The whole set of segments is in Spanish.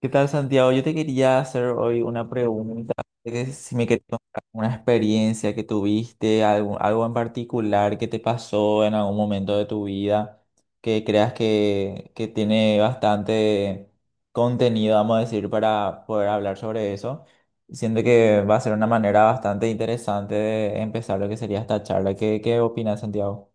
¿Qué tal, Santiago? Yo te quería hacer hoy una pregunta, que si me querías contar una experiencia que tuviste, algo en particular que te pasó en algún momento de tu vida, que creas que tiene bastante contenido, vamos a decir, para poder hablar sobre eso. Siento que va a ser una manera bastante interesante de empezar lo que sería esta charla. ¿Qué opinas, Santiago?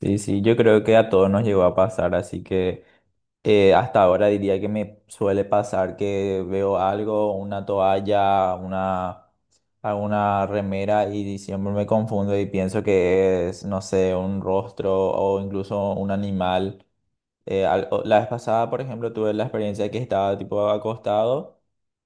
Sí, sí, yo creo que a todos nos llegó a pasar, así que... Hasta ahora diría que me suele pasar que veo algo, una toalla, alguna remera y siempre me confundo y pienso que es, no sé, un rostro o incluso un animal. La vez pasada, por ejemplo, tuve la experiencia que estaba tipo acostado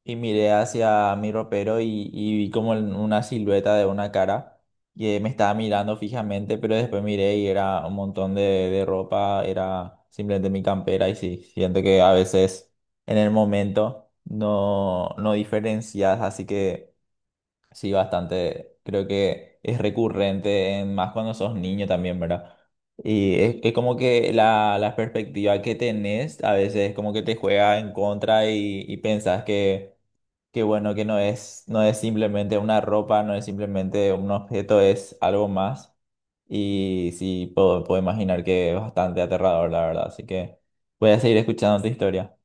y miré hacia mi ropero y vi como en una silueta de una cara que me estaba mirando fijamente, pero después miré y era un montón de ropa, era simplemente mi campera y sí, siento que a veces en el momento no diferencias, así que... Sí, bastante. Creo que es recurrente, más cuando sos niño también, ¿verdad? Y es como que la perspectiva que tenés a veces como que te juega en contra y pensás que bueno, que no es, no es simplemente una ropa, no es simplemente un objeto, es algo más. Y sí, puedo imaginar que es bastante aterrador, la verdad. Así que voy a seguir escuchando tu historia.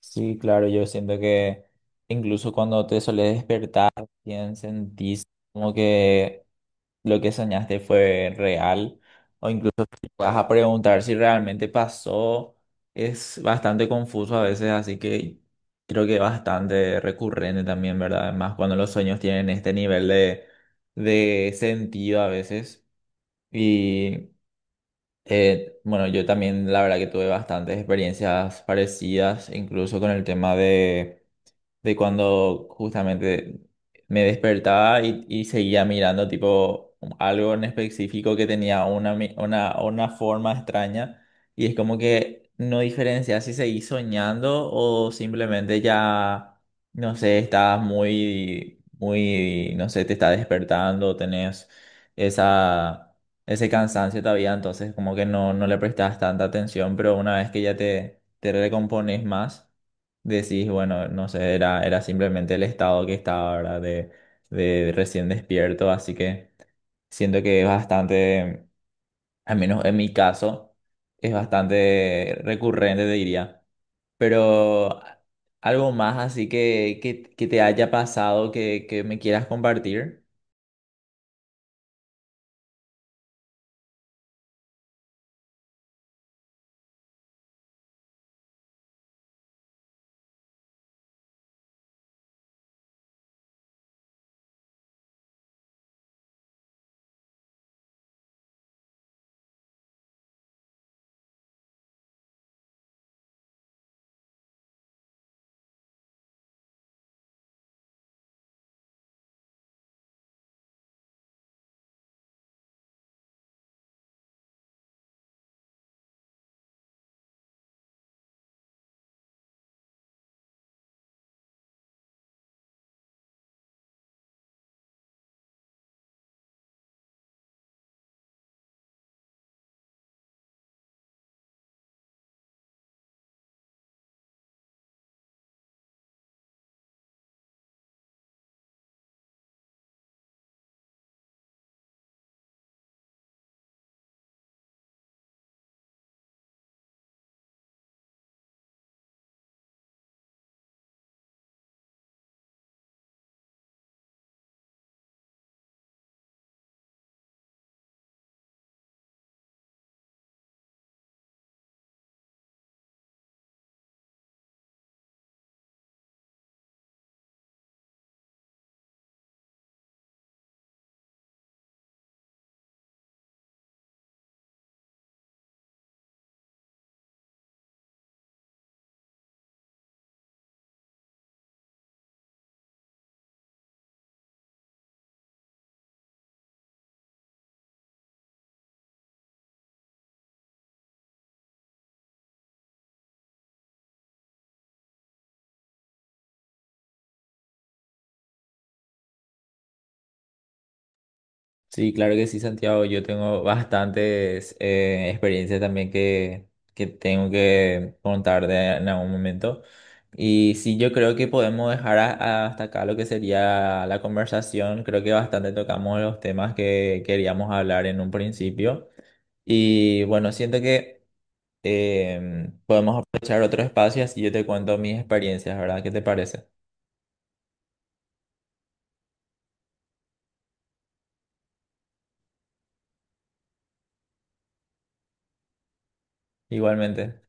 Sí, claro, yo siento que incluso cuando te solés despertar, bien sentís como que lo que soñaste fue real. Vas a preguntar si realmente pasó. Es bastante confuso a veces, así que creo que es bastante recurrente también, ¿verdad? Además, cuando los sueños tienen este nivel de sentido a veces. Y bueno, yo también la verdad que tuve bastantes experiencias parecidas, incluso con el tema de cuando justamente me despertaba y seguía mirando tipo algo en específico que tenía una forma extraña y es como que no diferencia si seguís soñando o simplemente ya, no sé, estás muy, no sé, te está despertando, tenés esa... Ese cansancio todavía, entonces como que no, no le prestas tanta atención, pero una vez que ya te recompones más, decís, bueno, no sé, era simplemente el estado que estaba, ¿verdad? De recién despierto, así que siento que es bastante, al menos en mi caso, es bastante recurrente, te diría. Pero algo más así que te haya pasado que me quieras compartir. Sí, claro que sí, Santiago. Yo tengo bastantes experiencias también que tengo que contar en algún momento. Y sí, yo creo que podemos dejar hasta acá lo que sería la conversación. Creo que bastante tocamos los temas que queríamos hablar en un principio. Y bueno, siento que podemos aprovechar otro espacio y así yo te cuento mis experiencias, ¿verdad? ¿Qué te parece? Igualmente.